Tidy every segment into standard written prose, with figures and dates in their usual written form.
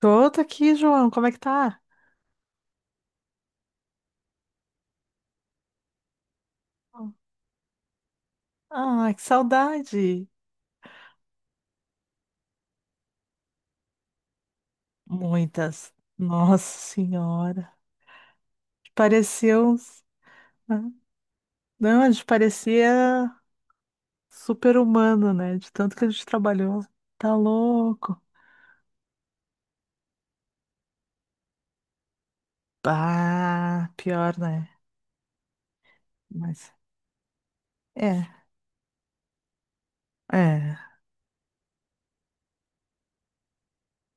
Tô, tô aqui, João. Como é que tá? Ah, que saudade. Muitas. Nossa Senhora. Pareceu. Né? Não, a gente parecia super-humano, né? De tanto que a gente trabalhou. Tá louco. Bah, pior, né? Mas. É, é.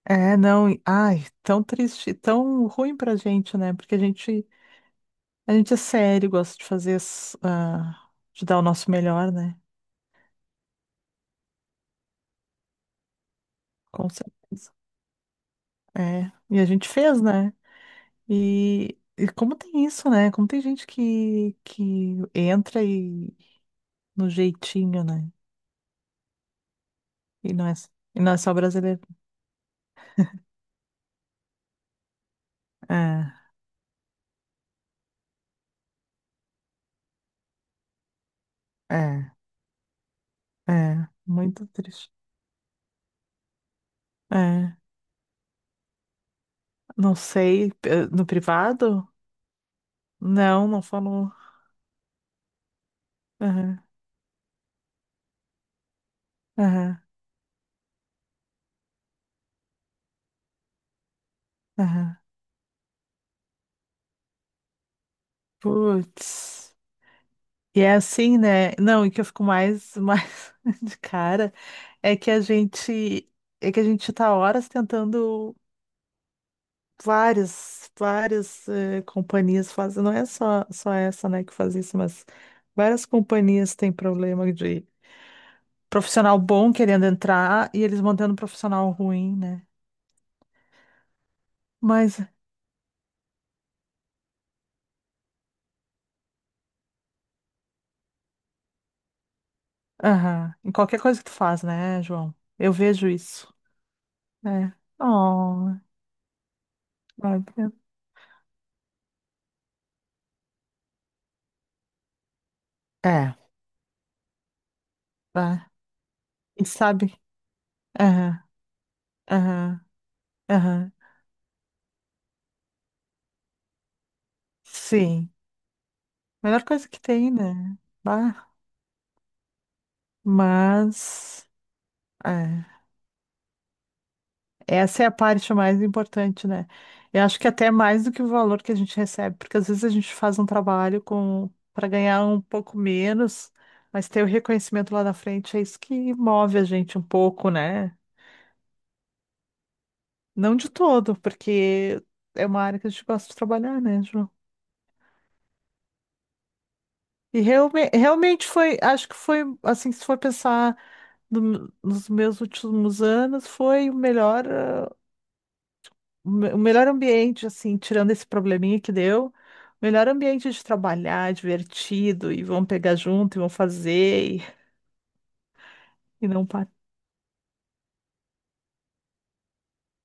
É, não. Ai, tão triste, tão ruim pra gente, né? Porque a gente é sério, gosta de fazer, de dar o nosso melhor, né? Com certeza. É, e a gente fez, né? E como tem isso, né? Como tem gente que entra e no jeitinho, né? E não é, e não é só brasileiro. É, é, é. Muito triste. É, não sei. No privado? Não, não falou. Aham, aham, aham. Putz. E é assim, né? Não, e que eu fico mais, mais de cara é que a gente. É que a gente tá horas tentando. Várias, várias companhias fazem, não é só, só essa, né, que faz isso, mas várias companhias têm problema de profissional bom querendo entrar e eles mantendo um profissional ruim, né? Mas, aham, em qualquer coisa que tu faz, né, João? Eu vejo isso. É. Oh, vai ver. É, tá. E sabe? Aham, aham, aham. Sim. Melhor coisa que tem, né? Bah, mas. É. Essa é a parte mais importante, né? Eu acho que até mais do que o valor que a gente recebe, porque às vezes a gente faz um trabalho com para ganhar um pouco menos, mas ter o reconhecimento lá na frente é isso que move a gente um pouco, né? Não de todo, porque é uma área que a gente gosta de trabalhar, né, João? E realmente foi, acho que foi, assim, se for pensar nos meus últimos anos, foi o melhor. O melhor ambiente, assim, tirando esse probleminha que deu, o melhor ambiente de trabalhar, divertido, e vão pegar junto, e vão fazer, e não para.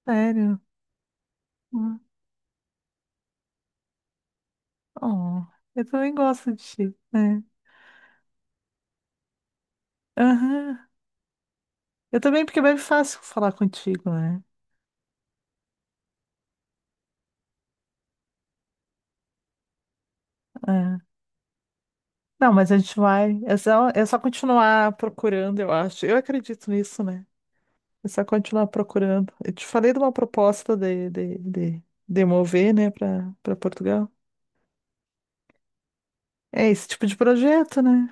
Sério. Hum. Oh, eu também gosto de ti, né? Aham. Eu também, porque é bem fácil falar contigo, né? É. Não, mas a gente vai. É só continuar procurando, eu acho. Eu acredito nisso, né? É só continuar procurando. Eu te falei de uma proposta de mover, né, para Portugal. É esse tipo de projeto, né?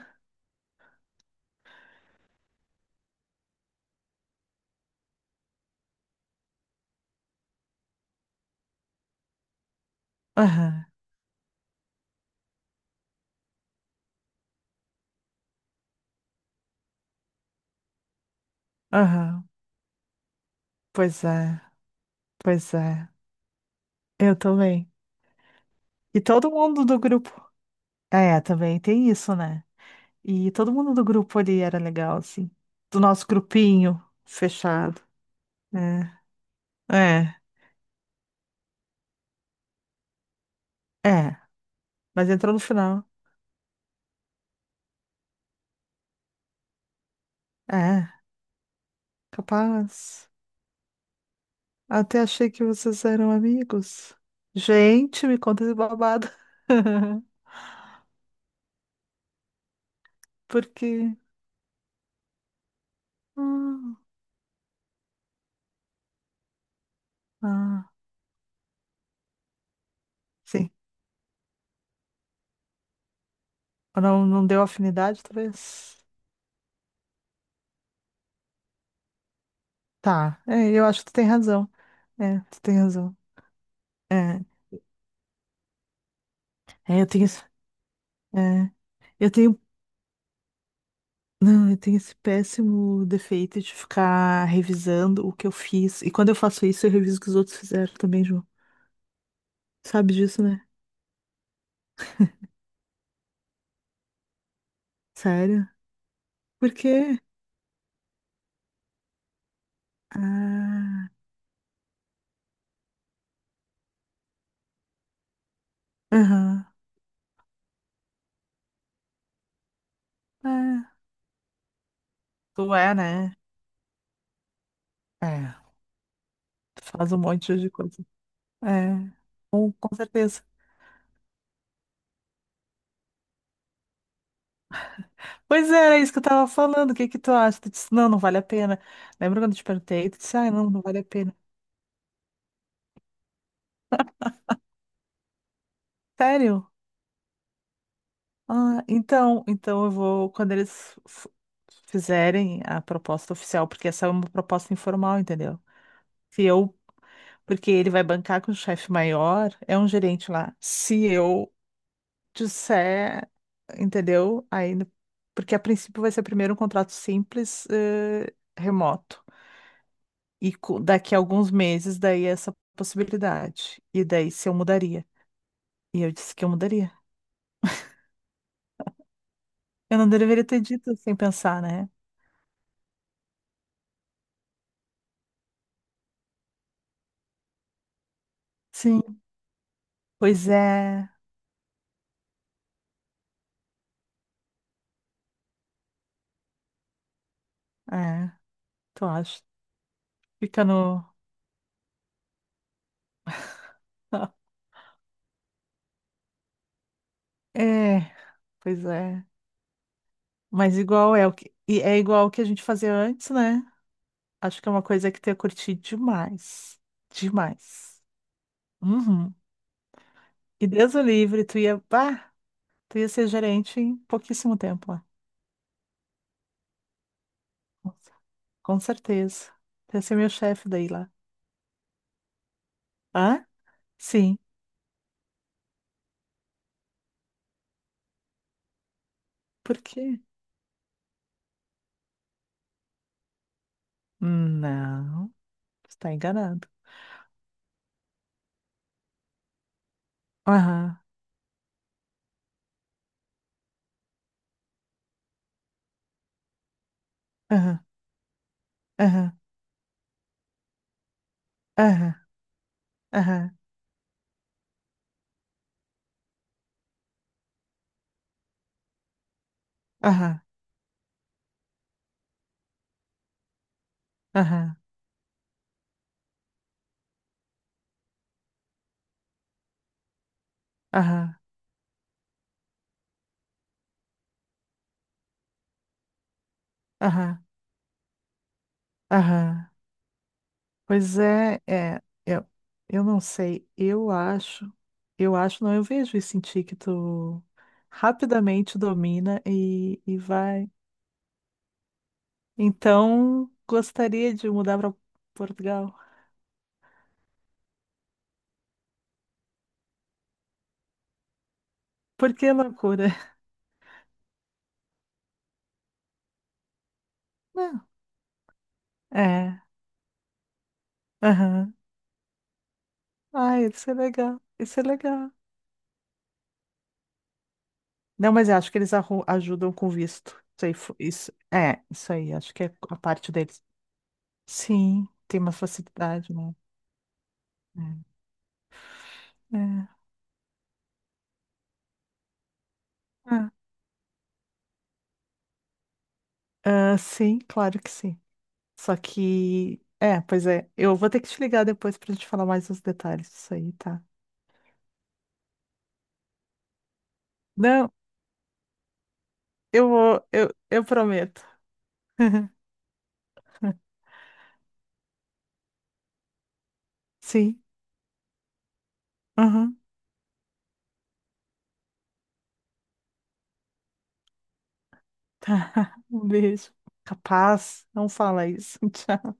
Aham, aham. Pois é, pois é. Eu também. E todo mundo do grupo. É, também tem isso, né? E todo mundo do grupo ali era legal, assim. Do nosso grupinho fechado. É, é, é. Mas entrou no final. É, capaz. Até achei que vocês eram amigos. Gente, me conta esse babado. Porque. Hum, ah, sim. Não, não deu afinidade, talvez. Tá, é, eu acho que tu tem razão. É, tu tem razão. É, é, é, eu tenho, não, eu tenho esse péssimo defeito de ficar revisando o que eu fiz. E quando eu faço isso, eu reviso o que os outros fizeram também, João. Sabe disso, né? Sério? Por quê? Ah, aham. É, tu é, né? É, tu faz um monte de coisa. É, com certeza. Pois é, era isso que eu tava falando. O que que tu acha? Tu disse, não, não vale a pena. Lembra quando eu te perguntei? Tu disse, ah, não, não vale a pena. Sério? Ah, então, então eu vou, quando fizerem a proposta oficial, porque essa é uma proposta informal, entendeu? Se eu, porque ele vai bancar com o chefe maior, é um gerente lá. Se eu disser, entendeu? Aí, no- Porque a princípio vai ser primeiro um contrato simples, remoto. E daqui a alguns meses, daí essa possibilidade. E daí se eu mudaria. E eu disse que eu mudaria. Eu não deveria ter dito sem pensar, né? Sim. Pois é, é, tu acha? Fica no. É, pois é. Mas igual é o que. E é igual o que a gente fazia antes, né? Acho que é uma coisa que tu ia curtir demais. Demais. Uhum. E Deus o livre, tu ia. Bah, tu ia ser gerente em pouquíssimo tempo lá. Com cer- com certeza. Tu ia ser meu chefe daí lá. Hã? Sim. Por quê? Não, tu tá enganado. Aham, aham, aham, aham, aham, aham, aham. Aham, aham, aham. Pois é, é, eu não sei, eu acho, não, eu vejo e em que tu rapidamente domina e vai. Então, gostaria de mudar para Portugal. Por que loucura? Não, é, aham. Ai, isso é legal, isso é legal. Não, mas eu acho que ajudam com visto. Isso aí, isso, é, isso aí, acho que é a parte deles. Sim, tem uma facilidade, né? É. É, é. Ah, sim, claro que sim. Só que, é, pois é, eu vou ter que te ligar depois pra gente falar mais os detalhes disso aí, tá? Não, eu vou, eu prometo. Sim, aham, tá. Um beijo. Capaz, não fala isso. Tchau.